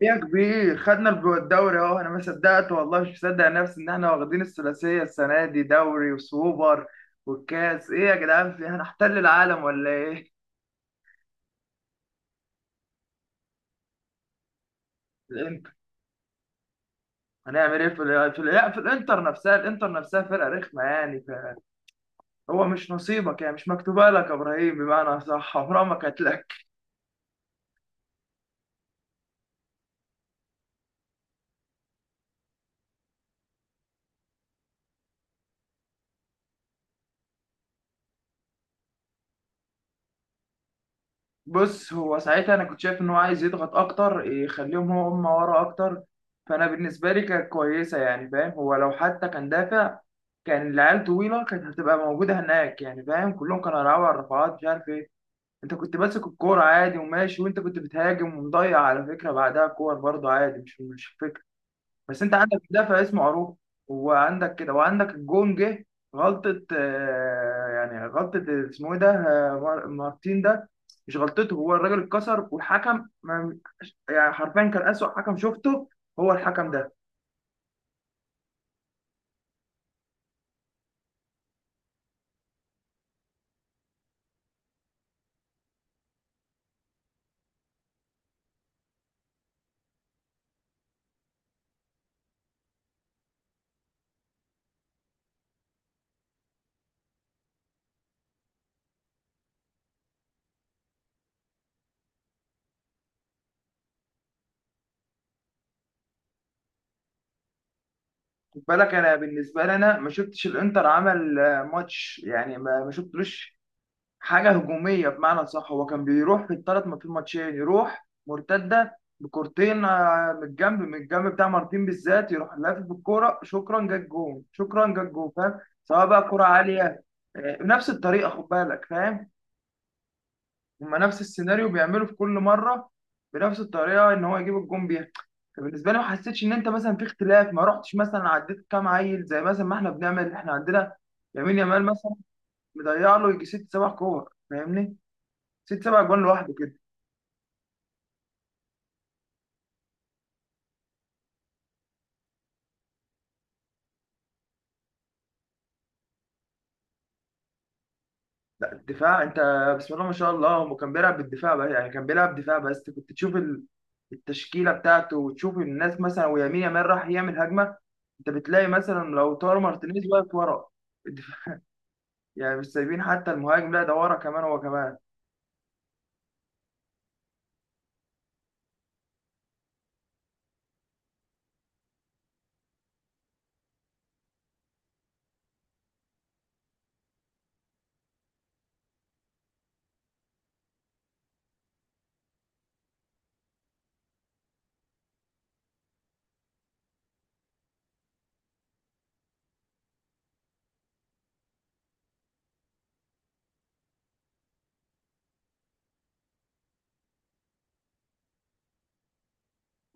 يا كبير خدنا الدوري اهو. انا ما صدقت والله، مش مصدق نفسي ان احنا واخدين الثلاثيه السنه دي، دوري وسوبر والكاس. ايه يا جدعان، في هنحتل العالم ولا ايه؟ الانتر، هنعمل ايه في ال- في, ال- لا، في الانتر نفسها، الانتر نفسها فرقه رخمه يعني. هو مش نصيبك يعني، مش مكتوبه لك يا ابراهيم، بمعنى صح عمرها ما كانت لك. بص، هو ساعتها انا كنت شايف ان هو عايز يضغط اكتر، يخليهم هو هم ورا اكتر، فانا بالنسبه لي كانت كويسه يعني. فاهم؟ هو لو حتى كان دافع كان العيال طويله كانت هتبقى موجوده هناك يعني. فاهم؟ كلهم كانوا هيلعبوا على الرفعات مش عارف ايه. انت كنت ماسك الكوره عادي وماشي، وانت كنت بتهاجم، ومضيع على فكره بعدها كور برضه عادي، مش فكره. بس انت عندك مدافع اسمه عروه، وعندك كده، وعندك الجون جه غلطة. يعني غلطة اسمه ايه ده، مار- مارتين ده، مش غلطته، هو الراجل اتكسر والحكم يعني حرفيا كان أسوأ حكم شفته هو الحكم ده. خد بالك، انا بالنسبة لي انا ما شفتش الانتر عمل ماتش يعني، ما شفتلوش حاجه هجوميه بمعنى صح. هو كان بيروح في الثلاث، في الماتشين يروح مرتده بكورتين من الجنب، من الجنب بتاع مارتين بالذات، يروح لافف بالكوره، شكرا جت جون، شكرا جت جون. فاهم؟ سواء بقى كوره عاليه بنفس الطريقه. خد بالك، فاهم؟ هما نفس السيناريو بيعملوا في كل مره، بنفس الطريقه ان هو يجيب الجون بيها. فبالنسبه لي ما حسيتش ان انت مثلا في اختلاف، ما رحتش مثلا عديت كام عيل زي مثلا ما احنا بنعمل، احنا عندنا لامين يامال مثلا، مضيع له يجي ست سبع كور. فاهمني؟ ست سبع جوان لوحده كده. لا الدفاع انت، بسم الله ما شاء الله، هو كان بيلعب بالدفاع بقى يعني، كان بيلعب دفاع، بس كنت تشوف التشكيله بتاعته وتشوف الناس، مثلا ويمين يامال راح يعمل هجمه انت بتلاقي مثلا لو طار مارتينيز واقف ورا الدفاع. يعني مش سايبين حتى المهاجم، لا ده ورا كمان هو كمان.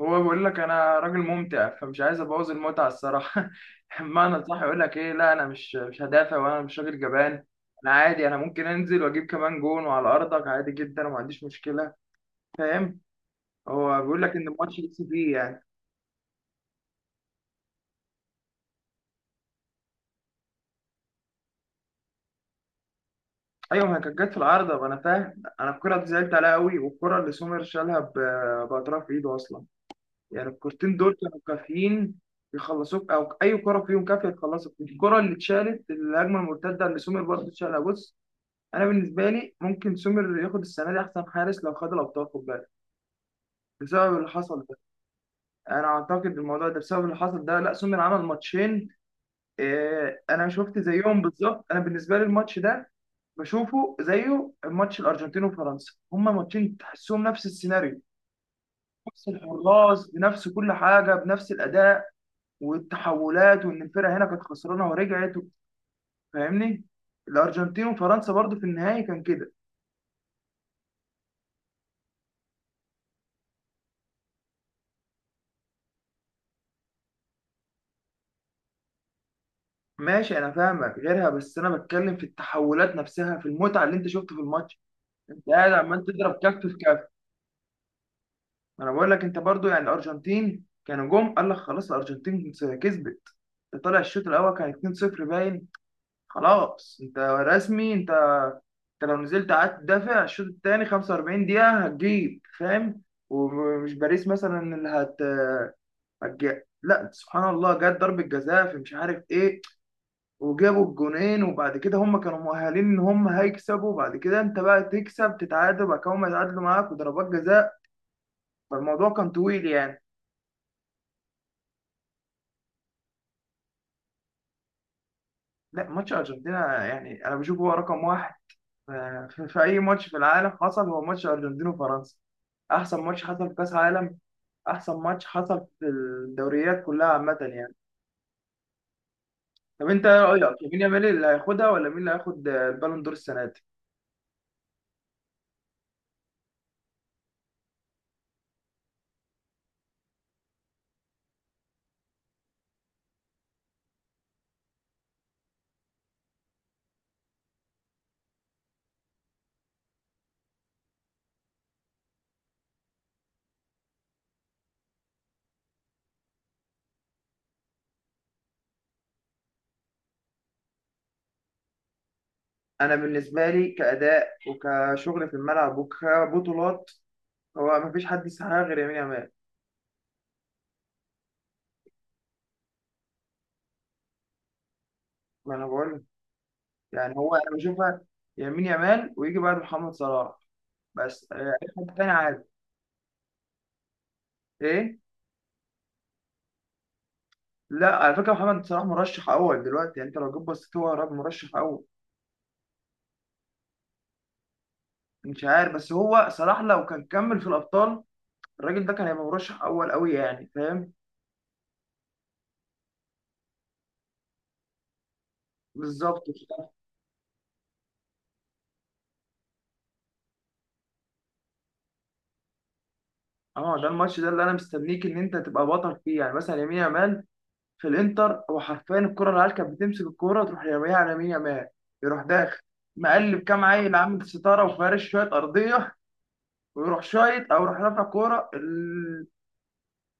هو بيقول لك انا راجل ممتع، فمش عايز ابوظ المتعه الصراحه. بمعنى صح يقول لك ايه، لا انا مش هدافع وانا مش راجل جبان. انا عادي، انا ممكن انزل واجيب كمان جون وعلى ارضك عادي جدا وما عنديش مشكله. فاهم؟ هو بيقول لك ان الماتش يكسب فيه يعني. ايوه، ما هي كانت جت في العارضه، ما انا فاهم، انا الكره دي زعلت عليها قوي، والكره اللي سومر شالها باطراف ايده اصلا، يعني الكورتين دول كانوا كافيين يخلصوك، او اي كره فيهم كافيه تخلصك. الكره اللي اتشالت، الهجمه المرتده اللي سومر برضه اتشالها، بص انا بالنسبه لي ممكن سومر ياخد السنه دي احسن حارس لو خد الابطال، خد بالك، بسبب اللي حصل ده. انا اعتقد الموضوع ده بسبب اللي حصل ده. لا سومر عمل ماتشين، انا شفت زيهم بالظبط. انا بالنسبه لي الماتش ده بشوفه زيه ماتش الارجنتين وفرنسا، هما ماتشين تحسهم نفس السيناريو، نفس الحراس، بنفس كل حاجه، بنفس الاداء والتحولات، وان الفرقه هنا كانت خسرانه ورجعت. فاهمني؟ الارجنتين وفرنسا برضو في النهائي كان كده. ماشي انا فاهمك غيرها، بس انا بتكلم في التحولات نفسها، في المتعه اللي انت شفته في الماتش، انت قاعد عمال تضرب كف في كف. انا بقول لك انت برضو يعني، الارجنتين كانوا جم قال لك خلاص الارجنتين كسبت، طلع الشوط الاول كان 2-0 باين خلاص، انت رسمي انت، انت لو نزلت قعدت تدافع الشوط الثاني 45 دقيقة هتجيب. فاهم؟ ومش باريس مثلا اللي لا سبحان الله، جت ضربة جزاء في مش عارف ايه، وجابوا الجونين، وبعد كده هم كانوا مؤهلين ان هم هيكسبوا، وبعد كده انت بقى تكسب تتعادل، وبعد كده هم يتعادلوا معاك وضربات جزاء. فالموضوع كان طويل يعني. لا ماتش ارجنتينا يعني انا بشوفه هو رقم واحد في اي ماتش في العالم حصل، هو ماتش ارجنتين وفرنسا احسن ماتش حصل في كاس عالم، احسن ماتش حصل في الدوريات كلها عامه يعني. طب انت ايه رايك، مين يامال اللي هياخدها ولا مين اللي هياخد البالون دور السنه دي؟ انا بالنسبه لي كاداء وكشغل في الملعب وكبطولات، هو مفيش حد يستحقها غير يمين يامال. ما انا بقول لك. يعني هو انا بشوفها يمين يامال ويجي بعد محمد صلاح، بس اي حد تاني عادي. ايه، لا على فكره محمد صلاح مرشح اول دلوقتي يعني، انت لو جيت بصيت هو راجل مرشح اول. مش عارف، بس هو صلاح لو كان كمل في الابطال الراجل ده كان هيبقى مرشح اول قوي يعني. فاهم؟ بالظبط كده. اه ده الماتش ده اللي انا مستنيك ان انت تبقى بطل فيه، يعني مثلا يمين يامال في الانتر هو حرفيا الكره، العيال كانت بتمسك الكوره تروح يرميها على يمين يامال، يروح داخل، مقلب كام عيل، عامل ستاره وفارش شويه ارضيه، ويروح شايط او يروح رافع كوره.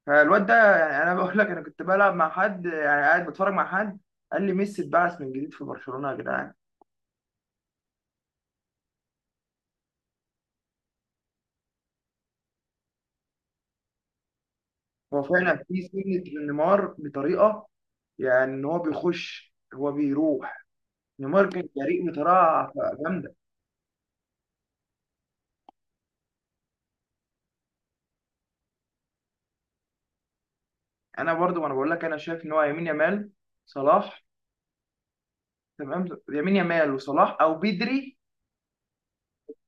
فالواد ده يعني انا بقول لك، انا كنت بلعب مع حد، يعني قاعد بتفرج مع حد، قال لي ميسي اتبعث من جديد في برشلونه يا جدعان. هو فعلا في سنه نيمار بطريقه، يعني ان هو بيخش، هو بيروح، نيمار كان جريء بطريقه جامده. انا برضو، وانا بقول لك انا شايف ان هو يمين يمال، صلاح، تمام، يمين يمال وصلاح او بدري.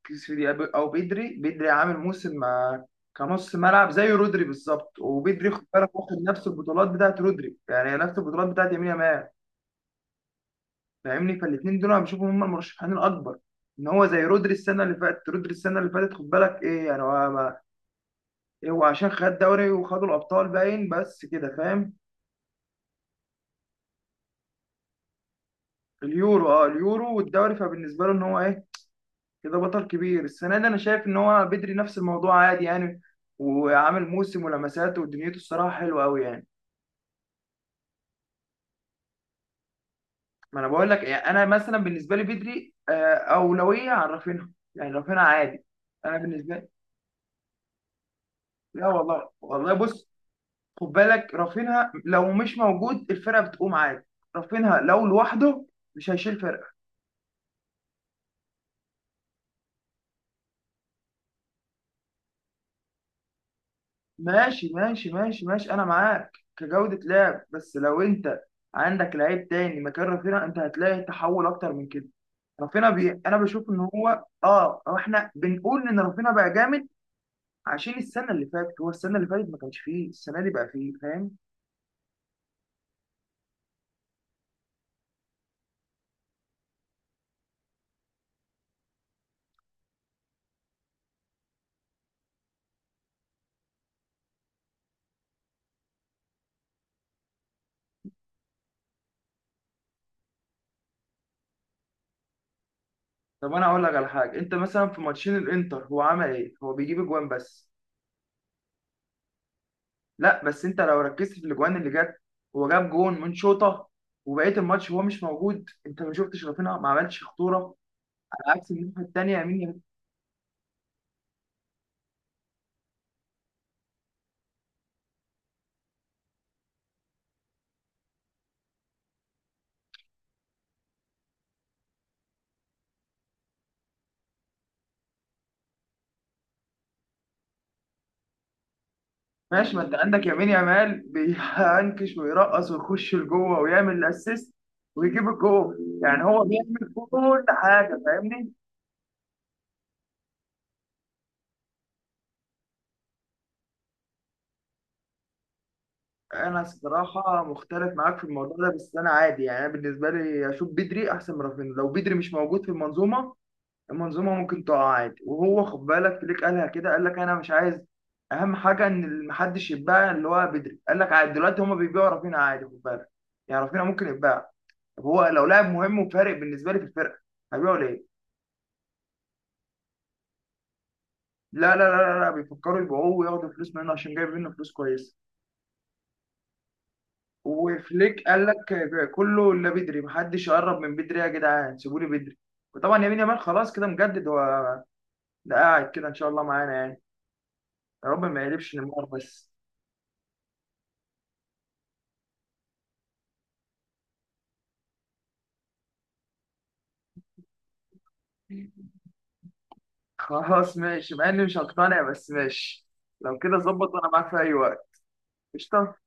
كسيدي- او بدري، بدري عامل موسم مع، كنص ملعب زي رودري بالظبط، وبدري خد بالك واخد نفس البطولات بتاعت رودري، يعني نفس البطولات بتاعت يمين يمال. فاهمني؟ فالاثنين دول انا بشوفهم هم المرشحين الاكبر. ان هو زي رودري السنه اللي فاتت، رودري السنه اللي فاتت خد بالك ايه يعني، هو ما إيه، هو عشان خد دوري وخدوا الابطال باين بس كده. فاهم؟ اليورو، اه اليورو والدوري، فبالنسبه له ان هو ايه، كده بطل كبير السنه دي. انا شايف ان هو بدري نفس الموضوع عادي يعني، وعامل موسم ولمساته ودنيته الصراحه حلوه قوي يعني. ما انا بقول لك يعني، انا مثلا بالنسبه لي بدري اولويه عن رافينها، يعني رافينها عادي. انا بالنسبه لي، لا والله والله، بص خد بالك رافينها لو مش موجود الفرقه بتقوم عادي، رافينها لو لوحده مش هيشيل فرقه. ماشي انا معاك كجوده لعب، بس لو انت عندك لعيب تاني مكان رافينها انت هتلاقي تحول اكتر من كده. رافينها انا بشوف ان هو، اه هو احنا بنقول ان رافينها بقى جامد عشان السنه اللي فاتت، هو السنه اللي فاتت ما كانش فيه، السنه دي بقى فيه. فاهم؟ طب انا اقول لك على حاجه، انت مثلا في ماتشين الانتر هو عمل ايه، هو بيجيب اجوان بس. لا بس انت لو ركزت في الاجوان اللي جت هو جاب جون من شوطه، وبقيه الماتش هو مش موجود، انت ما شفتش رافينيا ما عملش خطوره، على عكس الناحيه الثانيه يمين يامال. ماشي، ما انت عندك يمين يامال بينكش ويرقص ويخش لجوه ويعمل الاسيست ويجيب الجول، يعني هو بيعمل كل حاجه. فاهمني؟ انا الصراحه مختلف معاك في الموضوع ده، بس انا عادي يعني، انا بالنسبه لي اشوف بدري احسن من رافينيا. لو بدري مش موجود في المنظومه، المنظومه ممكن تقع عادي. وهو خد بالك فليك قالها كده، قال لك انا مش عايز، اهم حاجه ان محدش يتباع اللي هو بدري، قال لك عادي دلوقتي هما بيبيعوا رافينيا عادي، خد بالك يعني رافينيا ممكن يتباع. طب هو لو لاعب مهم وفارق بالنسبه لي في الفرقه هيبيعوا ليه؟ لا بيفكروا يبيعوه وياخدوا فلوس منه عشان جايب منه فلوس كويسه. وفليك قال لك كله الا بدري، محدش يقرب من بدري يا جدعان، سيبوا لي بدري. وطبعا يمين يامال خلاص كده مجدد هو، ده قاعد كده ان شاء الله معانا يعني. يا رب ما يقلبش نيمار بس. خلاص ماشي، مع اني مش هقتنع بس ماشي، لو كده ظبط وانا معاك في اي وقت. قشطة.